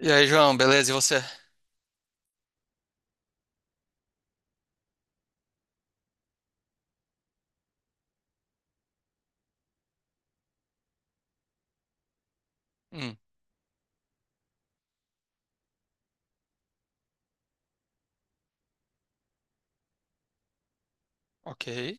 E aí, João, beleza? E você? Hum, ok.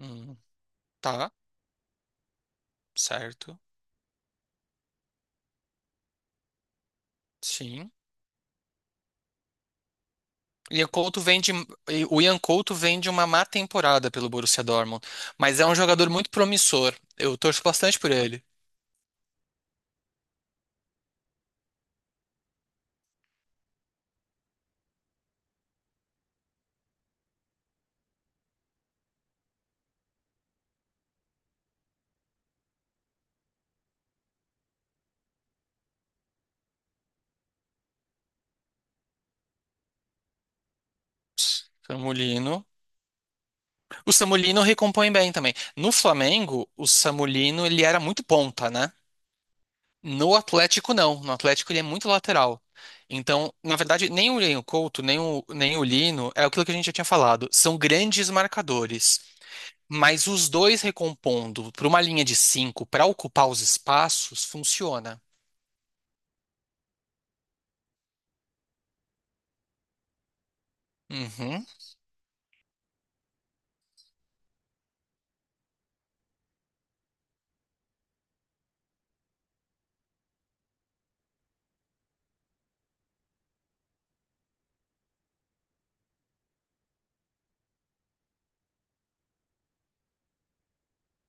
Hum, tá, certo. Sim. Ian Couto vem de, e o Ian Couto vem de uma má temporada pelo Borussia Dortmund, mas é um jogador muito promissor. Eu torço bastante por ele. Samulino. O Samulino recompõe bem também. No Flamengo, o Samulino ele era muito ponta, né? No Atlético, não. No Atlético, ele é muito lateral. Então, na verdade, nem o Ian Couto, nem o Lino, é aquilo que a gente já tinha falado. São grandes marcadores. Mas os dois recompondo para uma linha de cinco para ocupar os espaços, funciona. Uhum,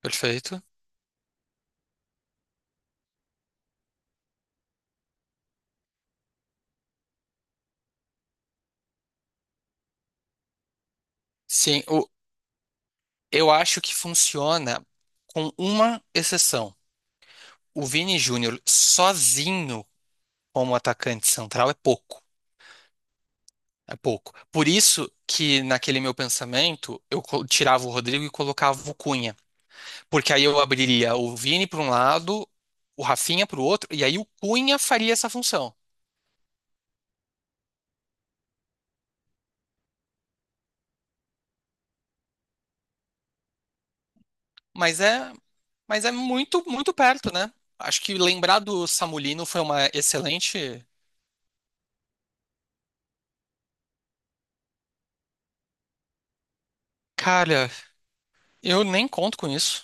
perfeito. Sim, o- eu acho que funciona com uma exceção. O Vini Júnior sozinho como atacante central é pouco. É pouco. Por isso que naquele meu pensamento tirava o Rodrigo e colocava o Cunha. Porque aí eu abriria o Vini para um lado, o Rafinha para o outro, e aí o Cunha faria essa função. Mas é, mas é muito, muito perto, né? Acho que lembrar do Samulino foi uma excelente. Cara, eu nem conto com isso.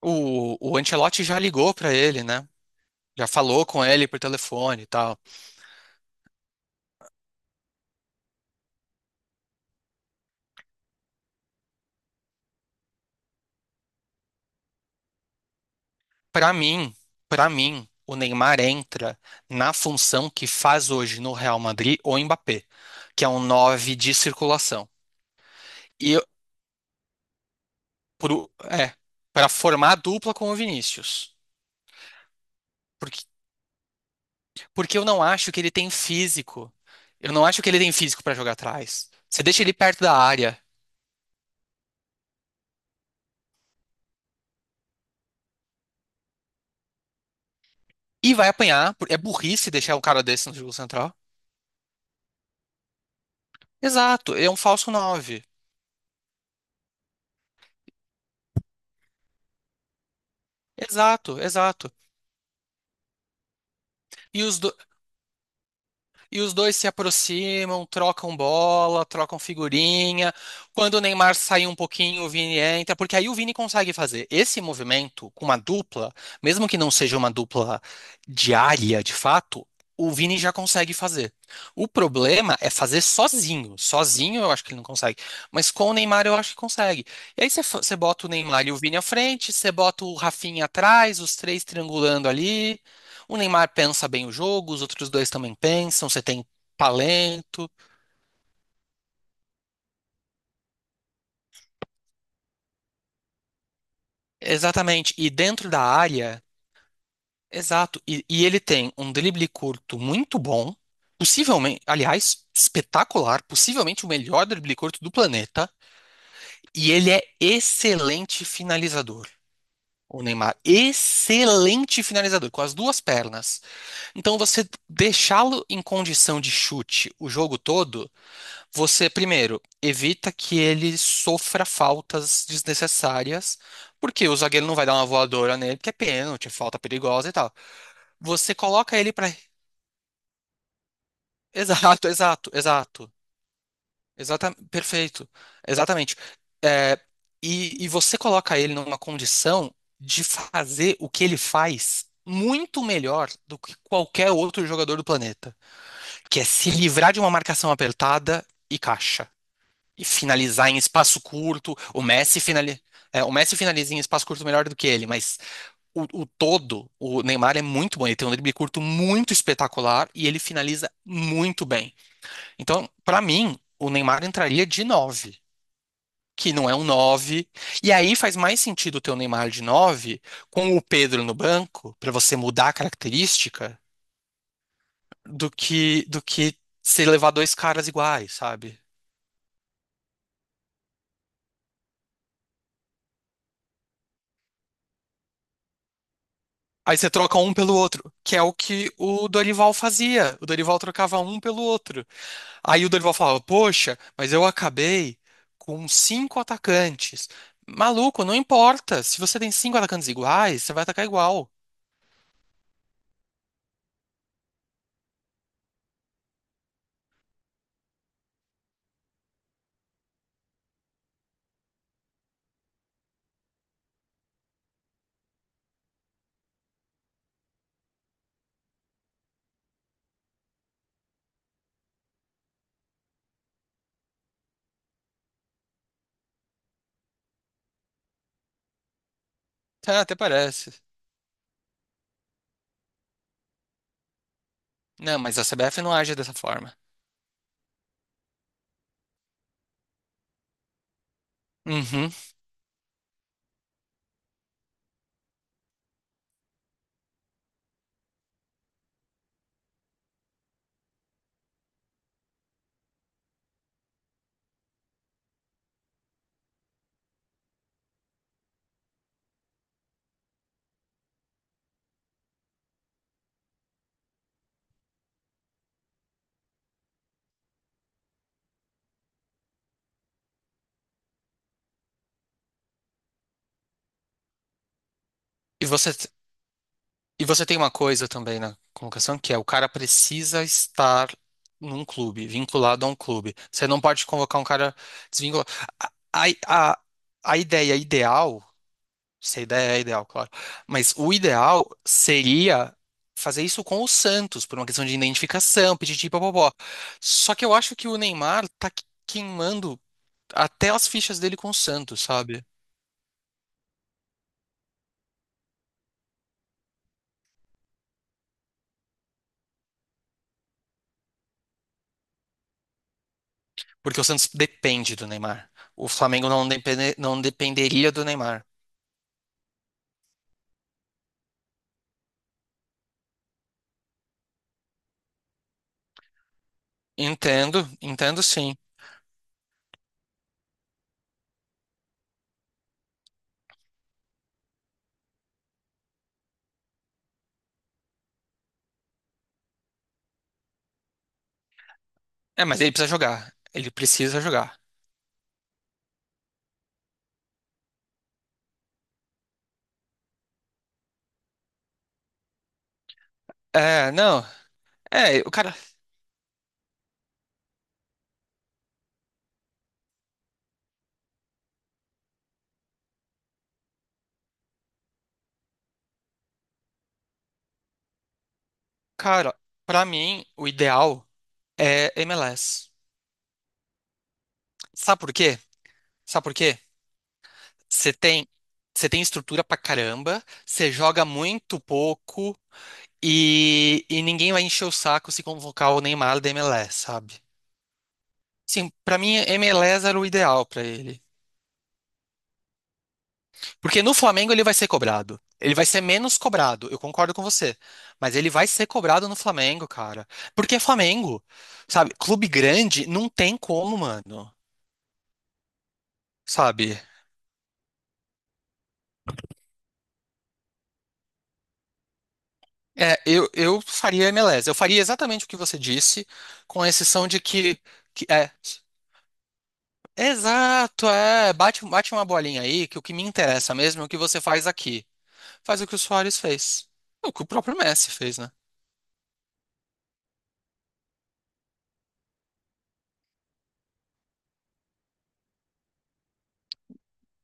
O Ancelotti já ligou pra ele, né? Já falou com ele por telefone e tal. Pra mim, para mim, o Neymar entra na função que faz hoje no Real Madrid o Mbappé, que é um 9 de circulação. E eu- pro, é, Para formar a dupla com o Vinícius. Porque eu não acho que ele tem físico. Eu não acho que ele tem físico pra jogar atrás. Você deixa ele perto da área e vai apanhar. É burrice deixar um cara desse no jogo central. Exato, é um falso nove. Exato, exato. E os E os dois se aproximam, trocam bola, trocam figurinha. Quando o Neymar sai um pouquinho, o Vini entra, porque aí o Vini consegue fazer esse movimento com uma dupla, mesmo que não seja uma dupla diária de fato, o Vini já consegue fazer. O problema é fazer sozinho. Sozinho eu acho que ele não consegue, mas com o Neymar eu acho que consegue. E aí você bota o Neymar e o Vini à frente, você bota o Rafinha atrás, os três triangulando ali. O Neymar pensa bem o jogo, os outros dois também pensam, você tem talento. Exatamente. E dentro da área, exato. E ele tem um drible curto muito bom, possivelmente, aliás, espetacular, possivelmente o melhor drible curto do planeta. E ele é excelente finalizador. O Neymar, excelente finalizador, com as duas pernas. Então, você deixá-lo em condição de chute o jogo todo. Você, primeiro, evita que ele sofra faltas desnecessárias, porque o zagueiro não vai dar uma voadora nele, porque é pênalti, é falta perigosa e tal. Você coloca ele pra. Exato, exato, exato. Exata... Perfeito. Exatamente. É, e você coloca ele numa condição de fazer o que ele faz muito melhor do que qualquer outro jogador do planeta, que é se livrar de uma marcação apertada e caixa, e finalizar em espaço curto. O Messi finali... é, o Messi finaliza em espaço curto melhor do que ele, mas o todo, o Neymar é muito bom. Ele tem um drible curto muito espetacular e ele finaliza muito bem. Então, pra mim, o Neymar entraria de 9 que não é um nove. E aí faz mais sentido ter o Neymar de 9 com o Pedro no banco, pra você mudar a característica, do que se levar dois caras iguais, sabe? Aí você troca um pelo outro, que é o que o Dorival fazia. O Dorival trocava um pelo outro. Aí o Dorival falava: Poxa, mas eu acabei com cinco atacantes. Maluco, não importa. Se você tem cinco atacantes iguais, você vai atacar igual. Tá, até parece. Não, mas a CBF não age dessa forma. Uhum. E você. E você tem uma coisa também na convocação, que é o cara precisa estar num clube, vinculado a um clube. Você não pode convocar um cara desvinculado. A, a, a ideia ideal, se a ideia é ideal, claro, mas o ideal seria fazer isso com o Santos, por uma questão de identificação, pedir papapó. Só que eu acho que o Neymar tá queimando até as fichas dele com o Santos, sabe? Porque o Santos depende do Neymar. O Flamengo não depende- Não dependeria do Neymar. Entendo, entendo sim. É, mas ele precisa jogar. Ele precisa jogar. É, não. É, o cara. Cara, pra mim, o ideal é M L S. Sabe por quê? Sabe por quê? Você tem, você tem estrutura pra caramba, você joga muito pouco e ninguém vai encher o saco se convocar o Neymar da M L S, sabe? Sim, pra mim, M L S era o ideal pra ele. Porque no Flamengo ele vai ser cobrado. Ele vai ser menos cobrado, eu concordo com você. Mas ele vai ser cobrado no Flamengo, cara. Porque é Flamengo, sabe? Clube grande não tem como, mano. Sabe? É, eu faria MLS. Eu faria exatamente o que você disse, com exceção de que é. Exato, é. Bate, bate uma bolinha aí, que o que me interessa mesmo é o que você faz aqui. Faz o que o Suárez fez. O que o próprio Messi fez, né?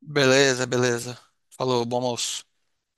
Beleza, beleza. Falou, bom almoço.